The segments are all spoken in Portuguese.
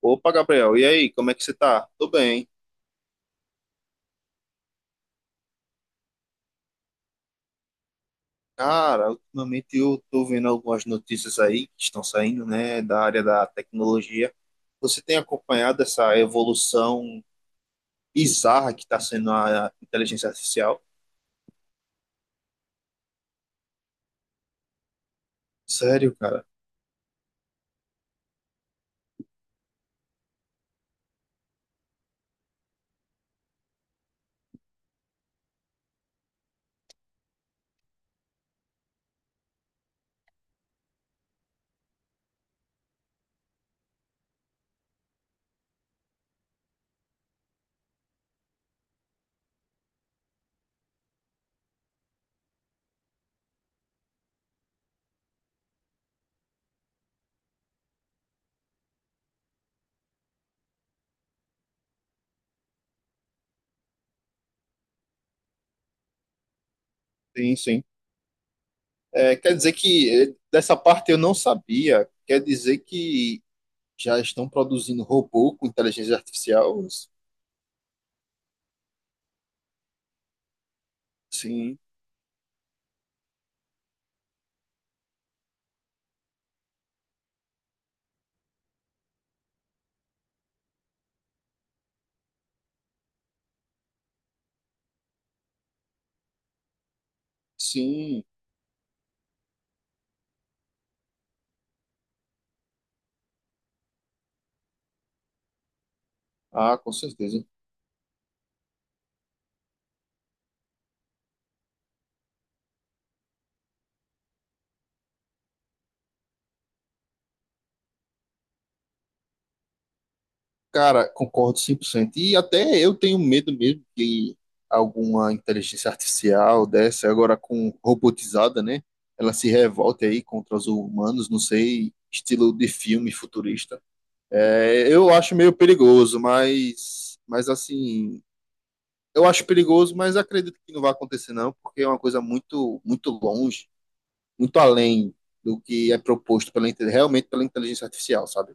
Opa, Gabriel, e aí, como é que você tá? Tô bem. Cara, ultimamente eu tô vendo algumas notícias aí que estão saindo, né, da área da tecnologia. Você tem acompanhado essa evolução bizarra que está sendo a inteligência artificial? Sério, cara? Sim, sim. É, quer dizer que dessa parte eu não sabia. Quer dizer que já estão produzindo robô com inteligência artificial? Sim, sim. Ah, com certeza. Cara, concordo 100%. E até eu tenho medo mesmo que alguma inteligência artificial dessa, agora com robotizada, né? Ela se revolte aí contra os humanos, não sei, estilo de filme futurista. É, eu acho meio perigoso, mas assim, eu acho perigoso, mas acredito que não vai acontecer não, porque é uma coisa muito, muito longe, muito além do que é proposto pela, realmente pela inteligência artificial, sabe?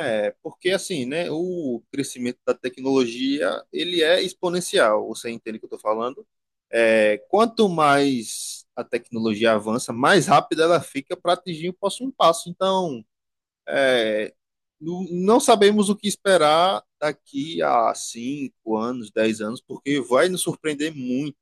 É, porque assim, né, o crescimento da tecnologia, ele é exponencial, você entende o que eu estou falando? É, quanto mais a tecnologia avança, mais rápida ela fica para atingir o próximo passo. Então, é, não sabemos o que esperar daqui a 5 anos, 10 anos, porque vai nos surpreender muito.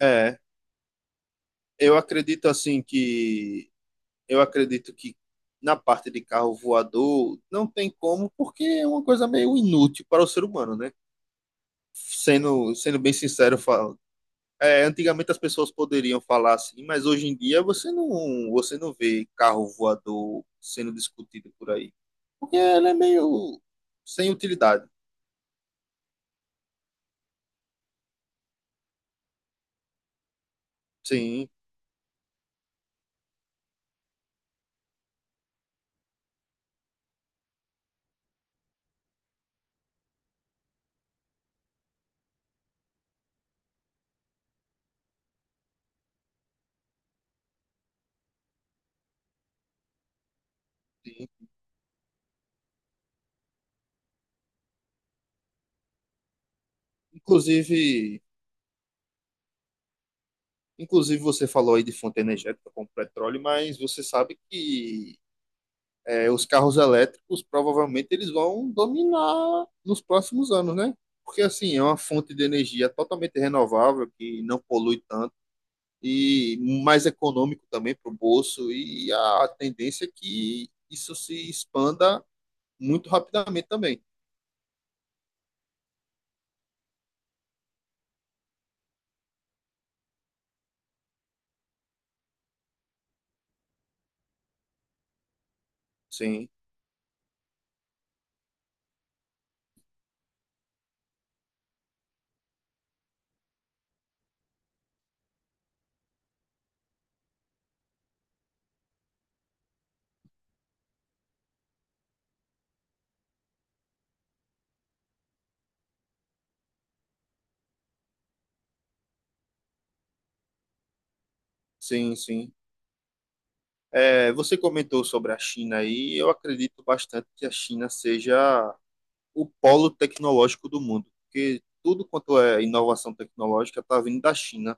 É, eu acredito assim que eu acredito que na parte de carro voador não tem como, porque é uma coisa meio inútil para o ser humano, né? Sendo, sendo bem sincero, eu falo, é, antigamente as pessoas poderiam falar assim, mas hoje em dia você não vê carro voador sendo discutido por aí. Porque ele é meio sem utilidade. Sim, sim. Inclusive, inclusive você falou aí de fonte energética como petróleo, mas você sabe que é, os carros elétricos provavelmente eles vão dominar nos próximos anos, né? Porque assim, é uma fonte de energia totalmente renovável que não polui tanto e mais econômico também para o bolso e a tendência é que isso se expanda muito rapidamente também. Sim, sim, sim. É, você comentou sobre a China aí, eu acredito bastante que a China seja o polo tecnológico do mundo, porque tudo quanto é inovação tecnológica está vindo da China.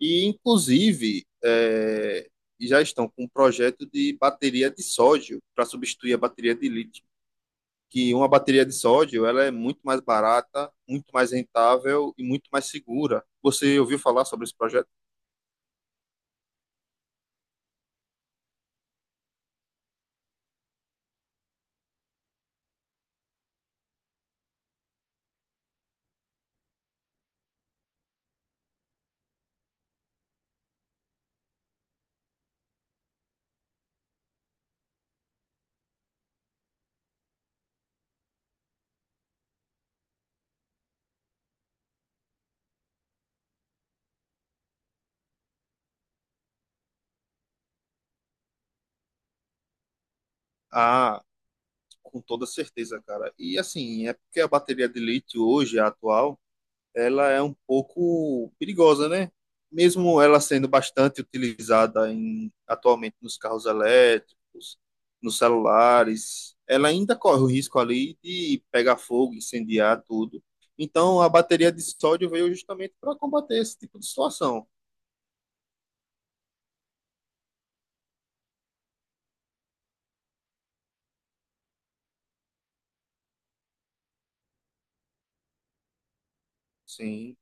E, inclusive, é, já estão com um projeto de bateria de sódio para substituir a bateria de lítio. Que uma bateria de sódio ela é muito mais barata, muito mais rentável e muito mais segura. Você ouviu falar sobre esse projeto? Ah, com toda certeza, cara. E assim, é porque a bateria de lítio hoje, a atual, ela é um pouco perigosa, né? Mesmo ela sendo bastante utilizada em, atualmente nos carros elétricos, nos celulares, ela ainda corre o risco ali de pegar fogo, incendiar tudo. Então, a bateria de sódio veio justamente para combater esse tipo de situação. Sim,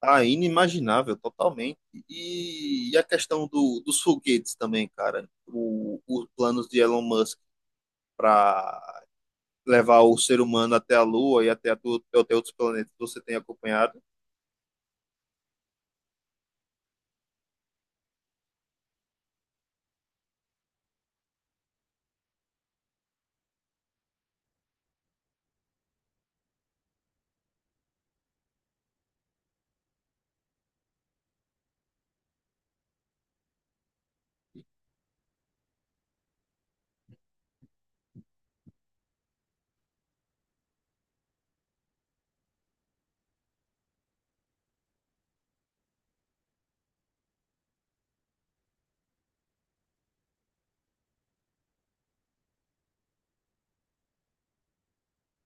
tá inimaginável totalmente. E a questão do, dos foguetes também, cara. O, os planos de Elon Musk para levar o ser humano até a Lua e até, até outros planetas, você tem acompanhado?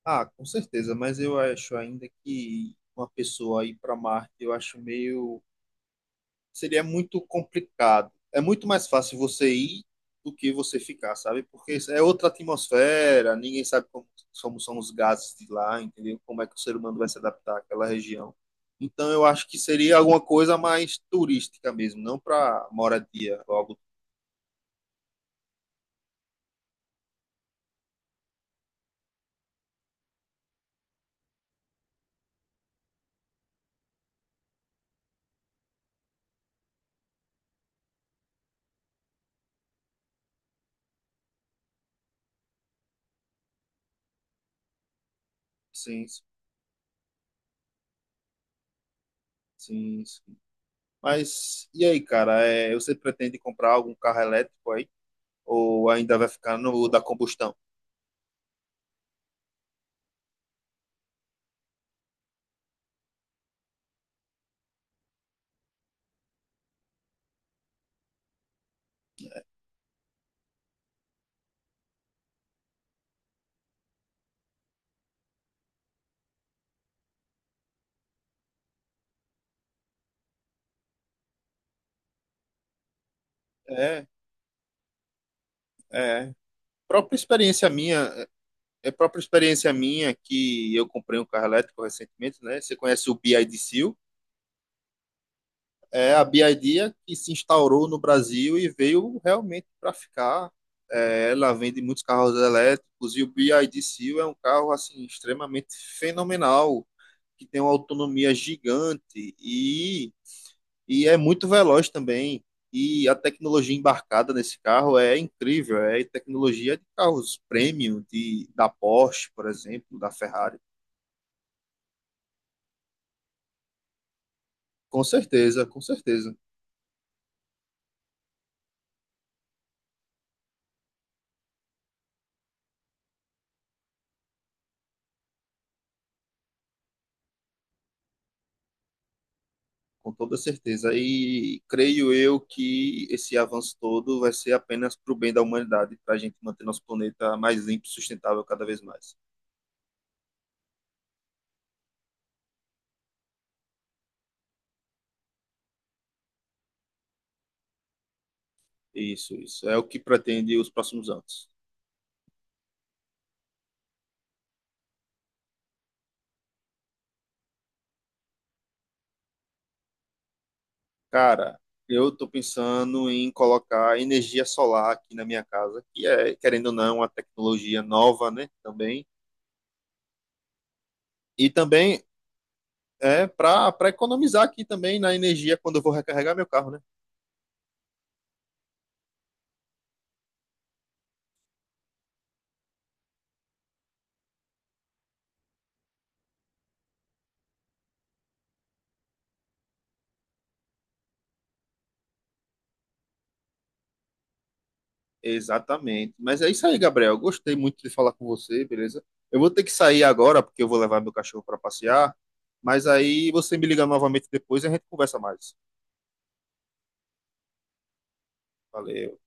Ah, com certeza, mas eu acho ainda que uma pessoa ir para Marte, eu acho meio. Seria muito complicado. É muito mais fácil você ir do que você ficar, sabe? Porque é outra atmosfera, ninguém sabe como, como são os gases de lá, entendeu? Como é que o ser humano vai se adaptar àquela região. Então, eu acho que seria alguma coisa mais turística mesmo, não para moradia, algo. Sim, sim. Mas e aí, cara? É, você pretende comprar algum carro elétrico aí? Ou ainda vai ficar no da combustão? É, é. Própria experiência minha, é própria experiência minha que eu comprei um carro elétrico recentemente, né? Você conhece o BYD Seal? É a BYD é que se instaurou no Brasil e veio realmente para ficar. É, ela vende muitos carros elétricos e o BYD Seal é um carro assim extremamente fenomenal, que tem uma autonomia gigante e é muito veloz também. E a tecnologia embarcada nesse carro é incrível, é tecnologia de carros premium, de, da Porsche, por exemplo, da Ferrari. Com certeza, com certeza, com toda certeza. E creio eu que esse avanço todo vai ser apenas para o bem da humanidade, para a gente manter nosso planeta mais limpo e sustentável cada vez mais. Isso, isso. É o que pretende os próximos anos. Cara, eu tô pensando em colocar energia solar aqui na minha casa, que é, querendo ou não, uma tecnologia nova, né? Também. E também é para economizar aqui também na energia quando eu vou recarregar meu carro, né? Exatamente. Mas é isso aí, Gabriel. Gostei muito de falar com você, beleza? Eu vou ter que sair agora porque eu vou levar meu cachorro para passear. Mas aí você me liga novamente depois e a gente conversa mais. Valeu.